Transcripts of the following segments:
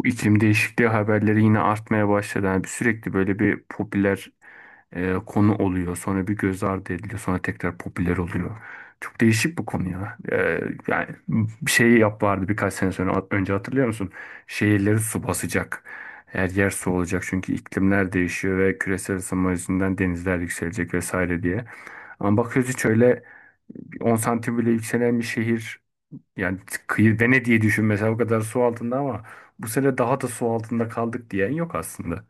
Bu iklim değişikliği haberleri yine artmaya başladı. Sürekli böyle bir popüler konu oluyor. Sonra bir göz ardı ediliyor. Sonra tekrar popüler oluyor. Çok değişik bu konu ya. Yani bir şey yap vardı birkaç sene sonra önce hatırlıyor musun? Şehirleri su basacak. Her yer su olacak çünkü iklimler değişiyor ve küresel ısınma yüzünden denizler yükselecek vesaire diye. Ama bakıyoruz hiç öyle 10 santim bile yükselen bir şehir yani kıyı Venedik'i diye düşün mesela o kadar su altında ama bu sene daha da su altında kaldık diyen yok aslında.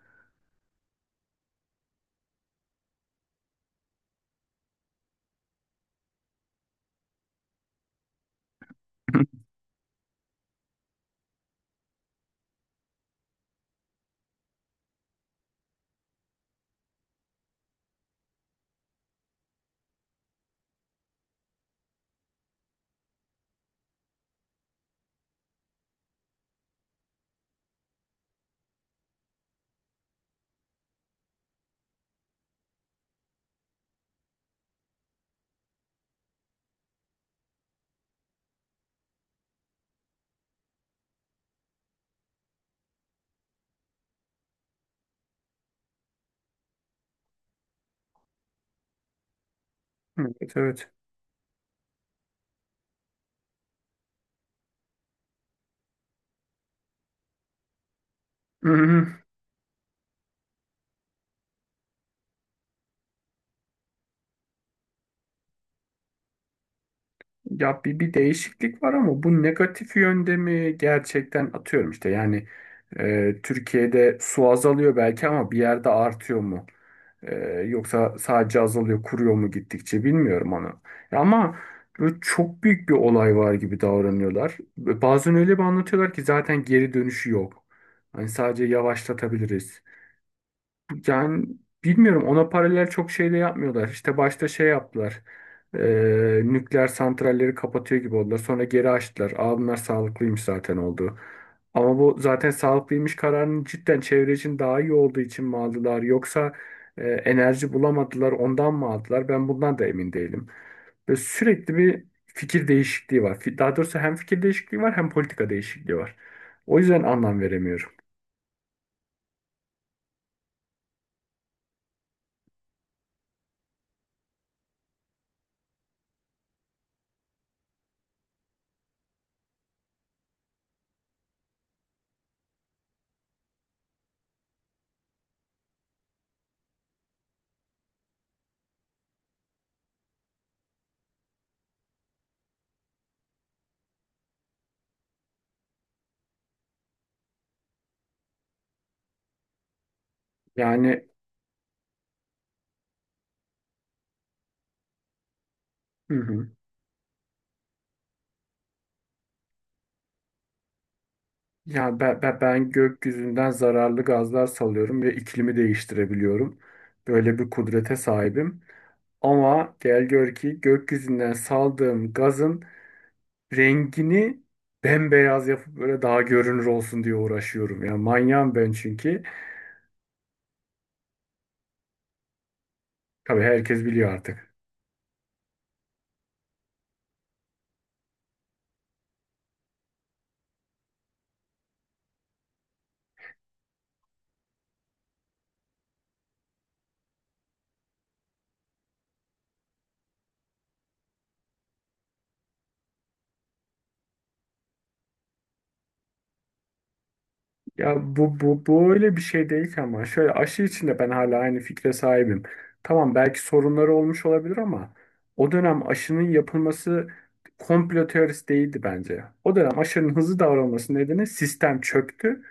Evet, evet. Ya bir değişiklik var ama bu negatif yönde mi gerçekten? Atıyorum işte Türkiye'de su azalıyor belki ama bir yerde artıyor mu? E, Yoksa sadece azalıyor, kuruyor mu gittikçe, bilmiyorum onu. Ya ama böyle çok büyük bir olay var gibi davranıyorlar. Ve bazen öyle bir anlatıyorlar ki zaten geri dönüşü yok. Hani sadece yavaşlatabiliriz. Yani bilmiyorum, ona paralel çok şey de yapmıyorlar. İşte başta şey yaptılar. Nükleer santralleri kapatıyor gibi oldular. Sonra geri açtılar. Aa, bunlar sağlıklıymış zaten oldu. Ama bu zaten sağlıklıymış kararının cidden çevre için daha iyi olduğu için mi aldılar? Yoksa enerji bulamadılar ondan mı aldılar? Ben bundan da emin değilim. Ve sürekli bir fikir değişikliği var. Daha doğrusu hem fikir değişikliği var hem politika değişikliği var. O yüzden anlam veremiyorum. Yani hı hı. Ya ben gökyüzünden zararlı gazlar salıyorum ve iklimi değiştirebiliyorum. Böyle bir kudrete sahibim. Ama gel gör ki gökyüzünden saldığım gazın rengini bembeyaz yapıp böyle daha görünür olsun diye uğraşıyorum. Ya manyağım ben çünkü. Tabii herkes biliyor artık. Ya bu öyle bir şey değil ki, ama şöyle, aşı içinde ben hala aynı fikre sahibim. Tamam, belki sorunları olmuş olabilir ama o dönem aşının yapılması komplo teorisi değildi bence. O dönem aşının hızlı davranması nedeni sistem çöktü.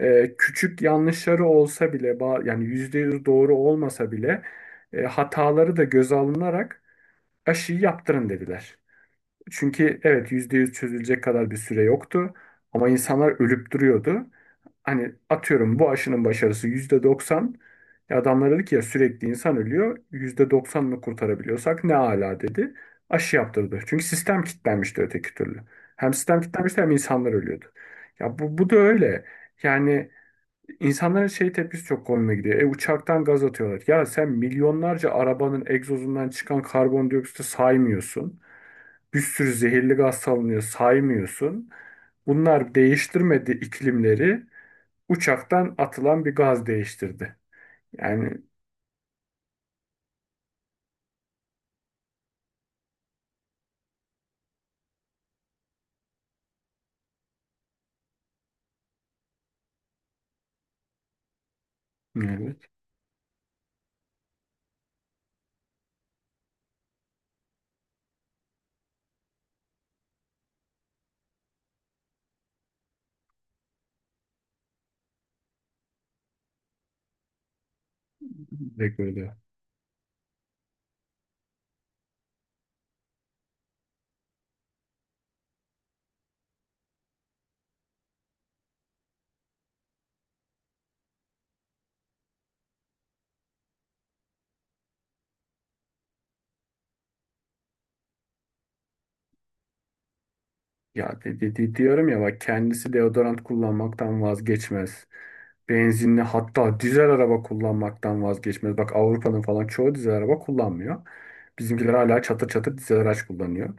Küçük yanlışları olsa bile yani %100 doğru olmasa bile hataları da göze alınarak aşıyı yaptırın dediler. Çünkü evet, %100 çözülecek kadar bir süre yoktu ama insanlar ölüp duruyordu. Hani atıyorum, bu aşının başarısı %90. E adamlar dedi ki ya sürekli insan ölüyor. %90'ını kurtarabiliyorsak ne ala dedi. Aşı yaptırdı. Çünkü sistem kilitlenmişti öteki türlü. Hem sistem kilitlenmişti hem insanlar ölüyordu. Ya bu da öyle. Yani insanların şey tepkisi çok komiğime gidiyor. E uçaktan gaz atıyorlar. Ya sen milyonlarca arabanın egzozundan çıkan karbondioksiti saymıyorsun. Bir sürü zehirli gaz salınıyor, saymıyorsun. Bunlar değiştirmedi iklimleri, uçaktan atılan bir gaz değiştirdi. Yani evet, rekordu. Diyorum ya, bak, kendisi deodorant kullanmaktan vazgeçmez. Benzinli, hatta dizel araba kullanmaktan vazgeçmez. Bak Avrupa'nın falan çoğu dizel araba kullanmıyor. Bizimkiler hala çatır çatır dizel araç kullanıyor.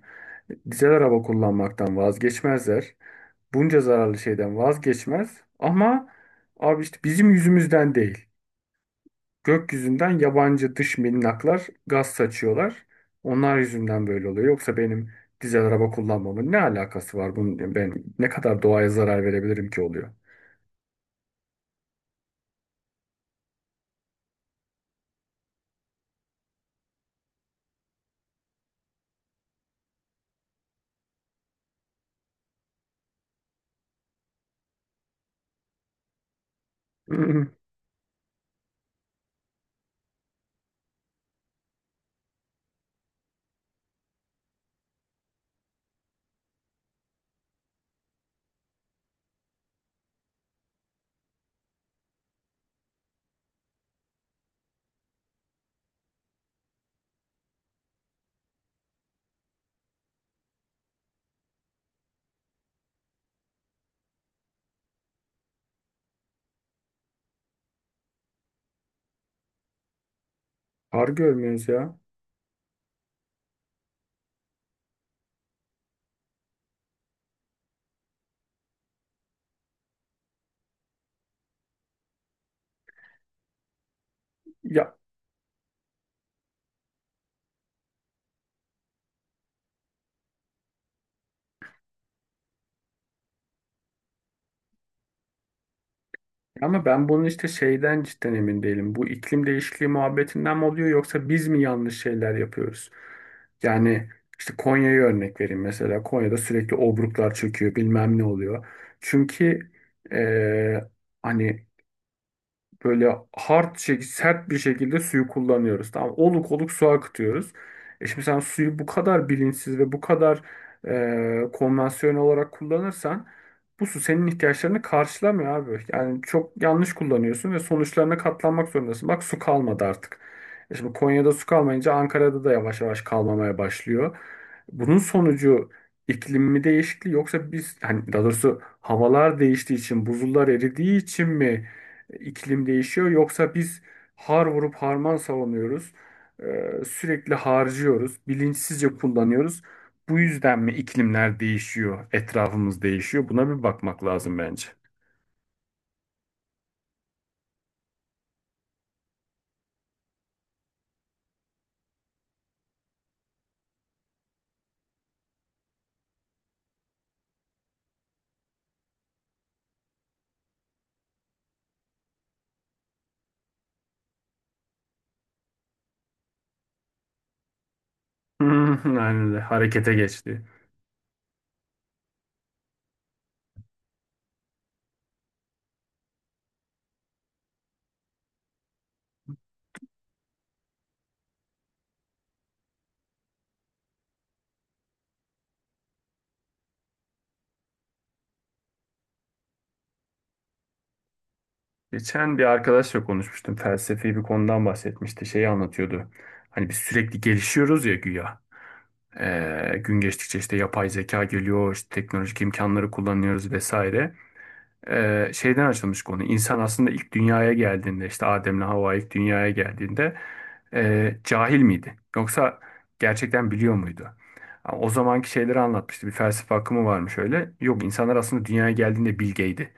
Dizel araba kullanmaktan vazgeçmezler. Bunca zararlı şeyden vazgeçmez ama abi işte bizim yüzümüzden değil. Gökyüzünden yabancı dış minnaklar gaz saçıyorlar. Onlar yüzünden böyle oluyor. Yoksa benim dizel araba kullanmamın ne alakası var bunun? Ben ne kadar doğaya zarar verebilirim ki oluyor? Kar görmüyoruz ya. Ya ama ben bunun işte şeyden cidden emin değilim. Bu iklim değişikliği muhabbetinden mi oluyor, yoksa biz mi yanlış şeyler yapıyoruz? Yani işte Konya'yı örnek vereyim mesela. Konya'da sürekli obruklar çöküyor, bilmem ne oluyor. Çünkü eee, hani böyle sert bir şekilde suyu kullanıyoruz. Tamam, oluk oluk su akıtıyoruz. E şimdi sen suyu bu kadar bilinçsiz ve bu kadar konvansiyonel olarak kullanırsan bu su senin ihtiyaçlarını karşılamıyor abi. Yani çok yanlış kullanıyorsun ve sonuçlarına katlanmak zorundasın. Bak, su kalmadı artık. E şimdi Konya'da su kalmayınca Ankara'da da yavaş yavaş kalmamaya başlıyor. Bunun sonucu iklim mi değişikliği, yoksa biz, hani daha doğrusu havalar değiştiği için buzullar eridiği için mi iklim değişiyor? Yoksa biz har vurup harman savunuyoruz. Sürekli harcıyoruz. Bilinçsizce kullanıyoruz. Bu yüzden mi iklimler değişiyor, etrafımız değişiyor? Buna bir bakmak lazım bence. Aynen öyle. Harekete geçti. Geçen bir arkadaşla konuşmuştum. Felsefi bir konudan bahsetmişti. Şeyi anlatıyordu. Hani biz sürekli gelişiyoruz ya güya. Gün geçtikçe işte yapay zeka geliyor, işte teknolojik imkanları kullanıyoruz vesaire. Şeyden açılmış konu. İnsan aslında ilk dünyaya geldiğinde, işte Adem'le Havva ilk dünyaya geldiğinde cahil miydi? Yoksa gerçekten biliyor muydu? Ama o zamanki şeyleri anlatmıştı. Bir felsefe akımı varmış öyle. Yok, insanlar aslında dünyaya geldiğinde bilgeydi.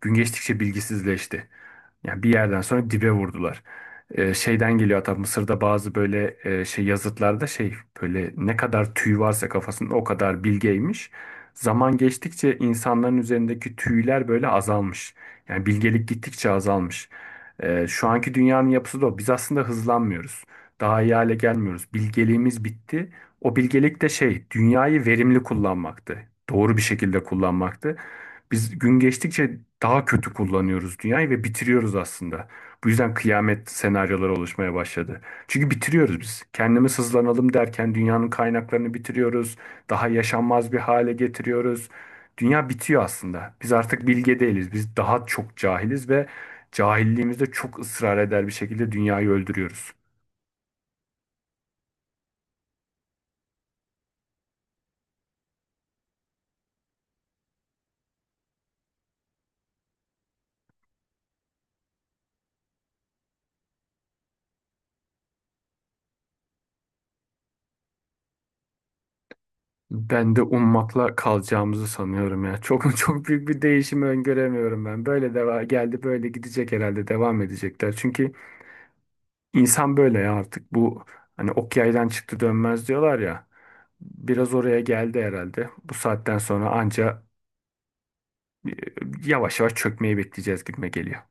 Gün geçtikçe bilgisizleşti. Yani bir yerden sonra dibe vurdular. Şeyden geliyor hatta, Mısır'da bazı böyle şey yazıtlarda şey, böyle ne kadar tüy varsa kafasında o kadar bilgeymiş. Zaman geçtikçe insanların üzerindeki tüyler böyle azalmış. Yani bilgelik gittikçe azalmış. Şu anki dünyanın yapısı da o. Biz aslında hızlanmıyoruz. Daha iyi hale gelmiyoruz. Bilgeliğimiz bitti. O bilgelik de şey, dünyayı verimli kullanmaktı. Doğru bir şekilde kullanmaktı. Biz gün geçtikçe daha kötü kullanıyoruz dünyayı ve bitiriyoruz aslında. Bu yüzden kıyamet senaryoları oluşmaya başladı. Çünkü bitiriyoruz biz. Kendimiz hızlanalım derken dünyanın kaynaklarını bitiriyoruz. Daha yaşanmaz bir hale getiriyoruz. Dünya bitiyor aslında. Biz artık bilge değiliz. Biz daha çok cahiliz ve cahilliğimizde çok ısrar eder bir şekilde dünyayı öldürüyoruz. Ben de ummakla kalacağımızı sanıyorum ya. Çok çok büyük bir değişimi öngöremiyorum ben. Böyle deva geldi böyle gidecek, herhalde devam edecekler. Çünkü insan böyle ya, artık bu, hani ok yaydan çıktı dönmez diyorlar ya. Biraz oraya geldi herhalde. Bu saatten sonra anca e, yavaş yavaş çökmeyi bekleyeceğiz gibime geliyor.